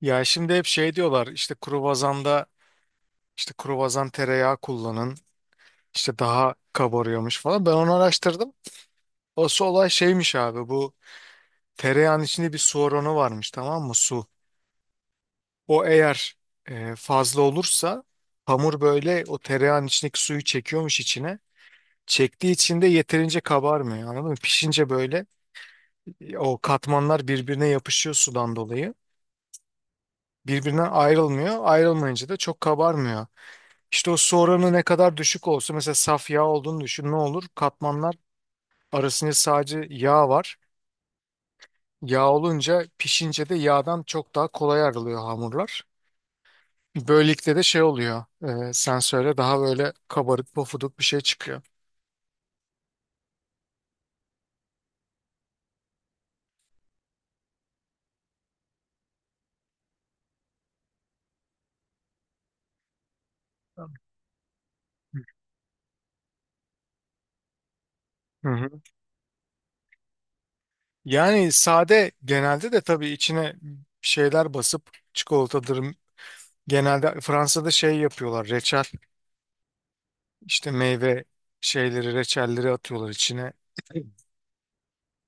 Ya şimdi hep şey diyorlar işte kruvazanda işte kruvazan tereyağı kullanın işte daha kabarıyormuş falan. Ben onu araştırdım. Asıl olay şeymiş abi bu tereyağın içinde bir su oranı varmış, tamam mı, su. O eğer fazla olursa hamur böyle o tereyağın içindeki suyu çekiyormuş içine. Çektiği için de yeterince kabarmıyor, anladın mı? Pişince böyle o katmanlar birbirine yapışıyor sudan dolayı. Birbirinden ayrılmıyor. Ayrılmayınca da çok kabarmıyor. İşte o su oranı ne kadar düşük olsa mesela, saf yağ olduğunu düşün, ne olur? Katmanlar arasında sadece yağ var. Yağ olunca pişince de yağdan çok daha kolay ayrılıyor hamurlar. Böylelikle de şey oluyor. Sen söyle, daha böyle kabarık pofuduk bir şey çıkıyor. Tamam. Hı hı. Yani sade genelde, de tabii içine şeyler basıp çikolatadır. Genelde Fransa'da şey yapıyorlar. Reçel işte, meyve şeyleri, reçelleri atıyorlar içine.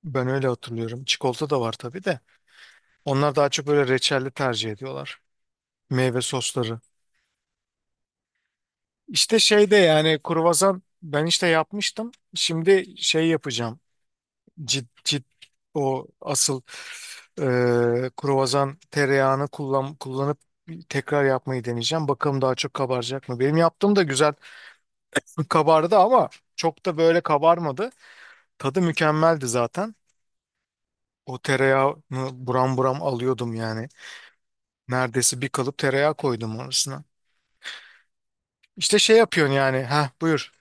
Ben öyle hatırlıyorum. Çikolata da var tabii de. Onlar daha çok böyle reçelli tercih ediyorlar. Meyve sosları. İşte şey de yani, kruvasan ben işte yapmıştım. Şimdi şey yapacağım. Cid cid o asıl e, kruvasan tereyağını kullanıp tekrar yapmayı deneyeceğim. Bakalım daha çok kabaracak mı? Benim yaptığım da güzel kabardı ama çok da böyle kabarmadı. Tadı mükemmeldi zaten. O tereyağını buram buram alıyordum yani. Neredeyse bir kalıp tereyağı koydum arasına. İşte şey yapıyorsun yani. Ha, buyur.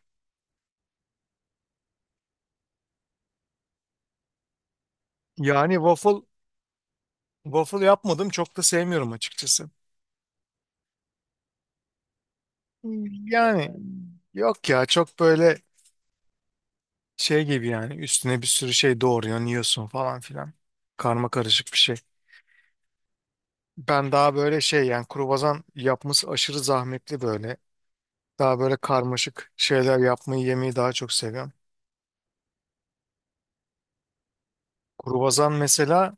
Yani waffle yapmadım, çok da sevmiyorum açıkçası. Yani yok ya, çok böyle şey gibi yani, üstüne bir sürü şey doğruyorsun, yiyorsun falan filan. Karma karışık bir şey. Ben daha böyle şey yani, kruvasan yapması aşırı zahmetli böyle. Daha böyle karmaşık şeyler yapmayı, yemeyi daha çok seviyorum. Kruvasan mesela,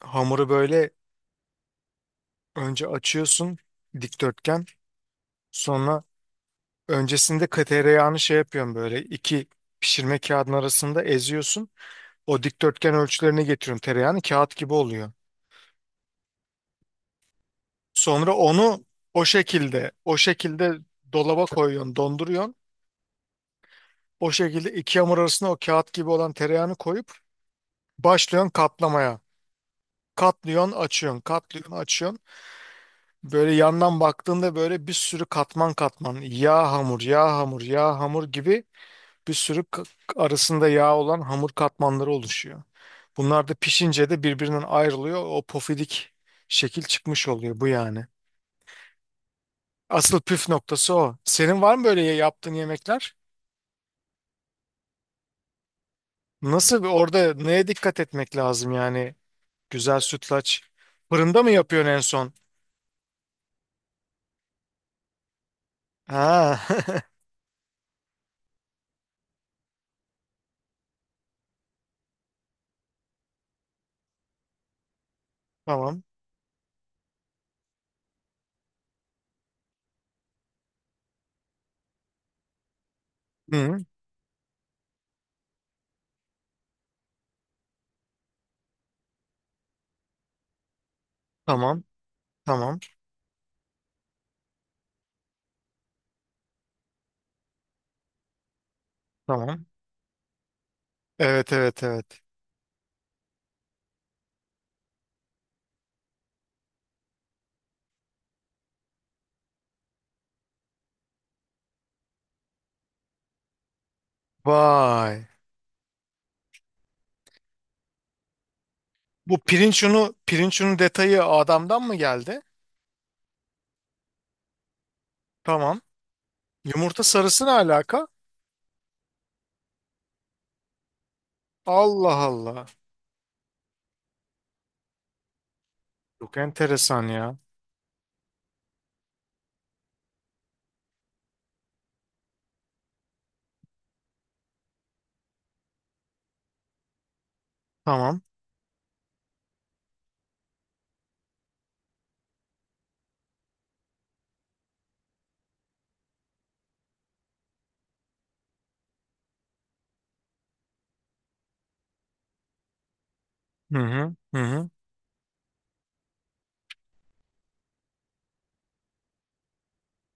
hamuru böyle önce açıyorsun, dikdörtgen. Sonra Öncesinde tereyağını şey yapıyorsun, böyle iki pişirme kağıdının arasında eziyorsun. O dikdörtgen ölçülerine getiriyorsun, tereyağını kağıt gibi oluyor. Sonra onu o şekilde dolaba koyuyorsun, donduruyorsun. O şekilde iki hamur arasına o kağıt gibi olan tereyağını koyup başlıyorsun katlamaya. Katlıyorsun, açıyorsun, katlıyorsun, açıyorsun. Böyle yandan baktığında böyle bir sürü katman katman yağ hamur, yağ hamur, yağ hamur gibi bir sürü arasında yağ olan hamur katmanları oluşuyor. Bunlar da pişince de birbirinden ayrılıyor. O pofidik şekil çıkmış oluyor bu yani. Asıl püf noktası o. Senin var mı böyle yaptığın yemekler? Nasıl orada neye dikkat etmek lazım yani? Güzel sütlaç. Fırında mı yapıyorsun en son? Ha. Tamam. Hı, tamam. Tamam. Tamam. Evet, evet, evet. Vay. Bu pirinç unu, pirinç unu detayı adamdan mı geldi? Tamam. Yumurta sarısı ne alaka? Allah Allah. Çok enteresan ya. Tamam. Hı hı. Hı hı.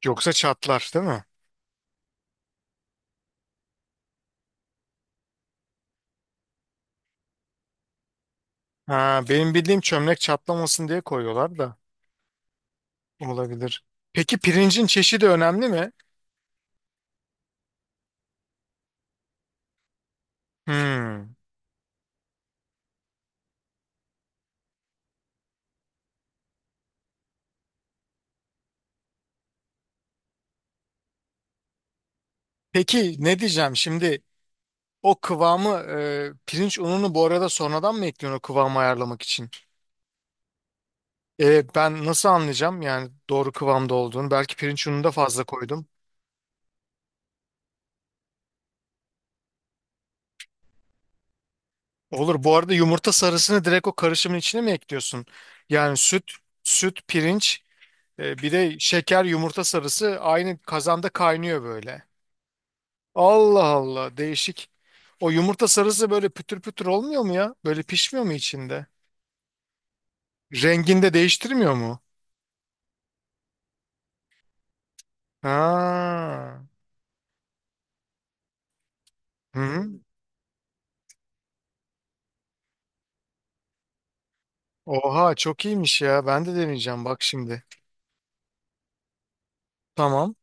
Yoksa çatlar değil mi? Ha, benim bildiğim çömlek çatlamasın diye koyuyorlar da. Olabilir. Peki, pirincin çeşidi önemli mi? Hmm. Peki ne diyeceğim şimdi? O kıvamı pirinç ununu bu arada sonradan mı ekliyorsun, o kıvamı ayarlamak için? Ben nasıl anlayacağım yani doğru kıvamda olduğunu? Belki pirinç ununu da fazla koydum. Olur. Bu arada, yumurta sarısını direkt o karışımın içine mi ekliyorsun? Yani süt, pirinç, bir de şeker, yumurta sarısı aynı kazanda kaynıyor böyle. Allah Allah, değişik. O yumurta sarısı böyle pütür pütür olmuyor mu ya? Böyle pişmiyor mu içinde? Rengini de değiştirmiyor mu? Ha. Hı. Oha, çok iyiymiş ya. Ben de deneyeceğim bak şimdi. Tamam.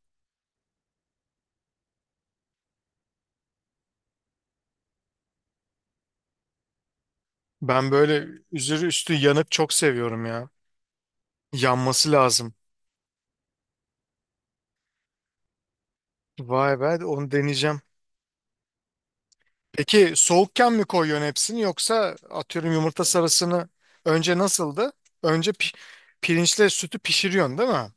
Ben böyle üzeri üstü yanık çok seviyorum ya. Yanması lazım. Vay be, onu deneyeceğim. Peki, soğukken mi koyuyorsun hepsini, yoksa atıyorum yumurta sarısını önce nasıldı? Önce pirinçle sütü pişiriyorsun değil mi?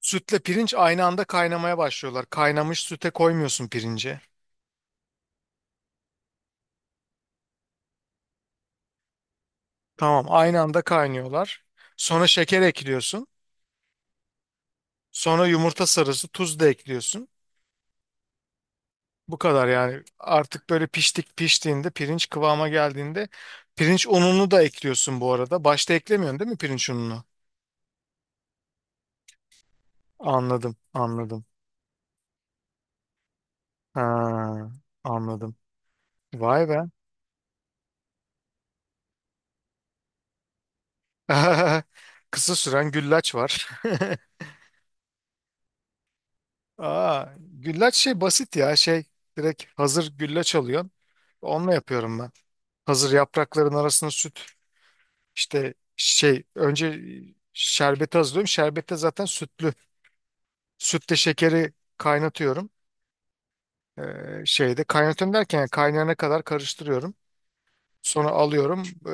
Sütle pirinç aynı anda kaynamaya başlıyorlar. Kaynamış süte koymuyorsun pirinci. Tamam, aynı anda kaynıyorlar. Sonra şeker ekliyorsun. Sonra yumurta sarısı, tuz da ekliyorsun. Bu kadar yani. Artık böyle piştiğinde, pirinç kıvama geldiğinde pirinç ununu da ekliyorsun bu arada. Başta eklemiyorsun değil mi pirinç ununu? Anladım, anladım. Ha, anladım. Vay be. Kısa süren güllaç var. Aa, güllaç şey basit ya, şey, direkt hazır güllaç alıyorsun. Onunla yapıyorum ben. Hazır yaprakların arasına süt, işte şey, önce şerbeti hazırlıyorum. Şerbette zaten sütlü. Sütle şekeri kaynatıyorum. Ee, şeyde kaynatıyorum derken yani, kaynayana kadar karıştırıyorum. Sonra alıyorum. Ee,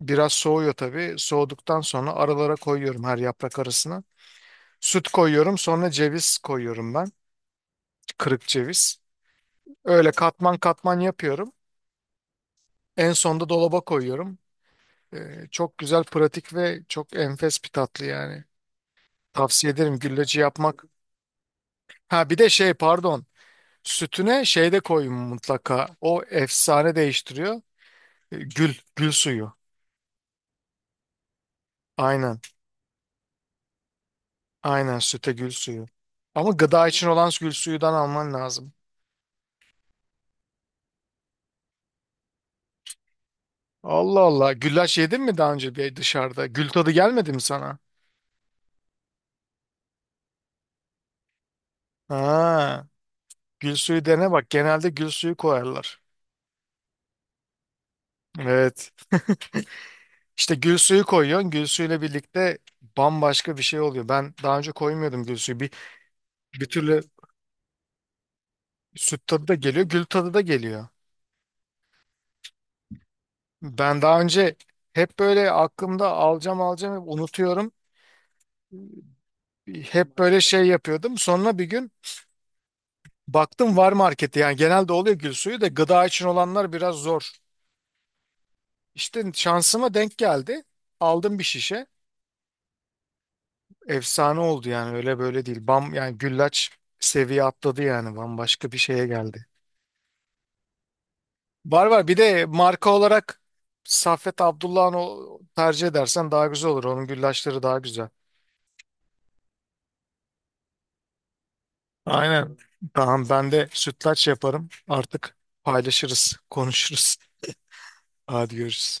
biraz soğuyor tabii. Soğuduktan sonra aralara koyuyorum, her yaprak arasına. Süt koyuyorum, sonra ceviz koyuyorum ben. Kırık ceviz. Öyle katman katman yapıyorum. En sonda dolaba koyuyorum. Çok güzel, pratik ve çok enfes bir tatlı yani. Tavsiye ederim gülleci yapmak. Ha, bir de şey, pardon. Sütüne şey de koyun mutlaka. O efsane değiştiriyor. Gül suyu. Aynen. Aynen, süte gül suyu. Ama gıda için olan gül suyudan alman lazım. Allah Allah. Güllaç yedin mi daha önce bir dışarıda? Gül tadı gelmedi mi sana? Ha. Gül suyu dene bak. Genelde gül suyu koyarlar. Evet. İşte gül suyu koyuyorsun. Gül suyuyla birlikte bambaşka bir şey oluyor. Ben daha önce koymuyordum gül suyu. Bir türlü süt tadı da geliyor, gül tadı da geliyor. Ben daha önce hep böyle aklımda, alacağım alacağım, hep unutuyorum. Hep böyle şey yapıyordum. Sonra bir gün baktım, var markette. Yani genelde oluyor gül suyu da, gıda için olanlar biraz zor. İşte şansıma denk geldi. Aldım bir şişe. Efsane oldu yani, öyle böyle değil. Bam, yani güllaç seviye atladı yani, bambaşka bir şeye geldi. Var var, bir de marka olarak Saffet Abdullah'ın o, tercih edersen daha güzel olur. Onun güllaçları daha güzel. Aynen. Tamam, ben de sütlaç yaparım. Artık paylaşırız, konuşuruz. Hadi görüşürüz.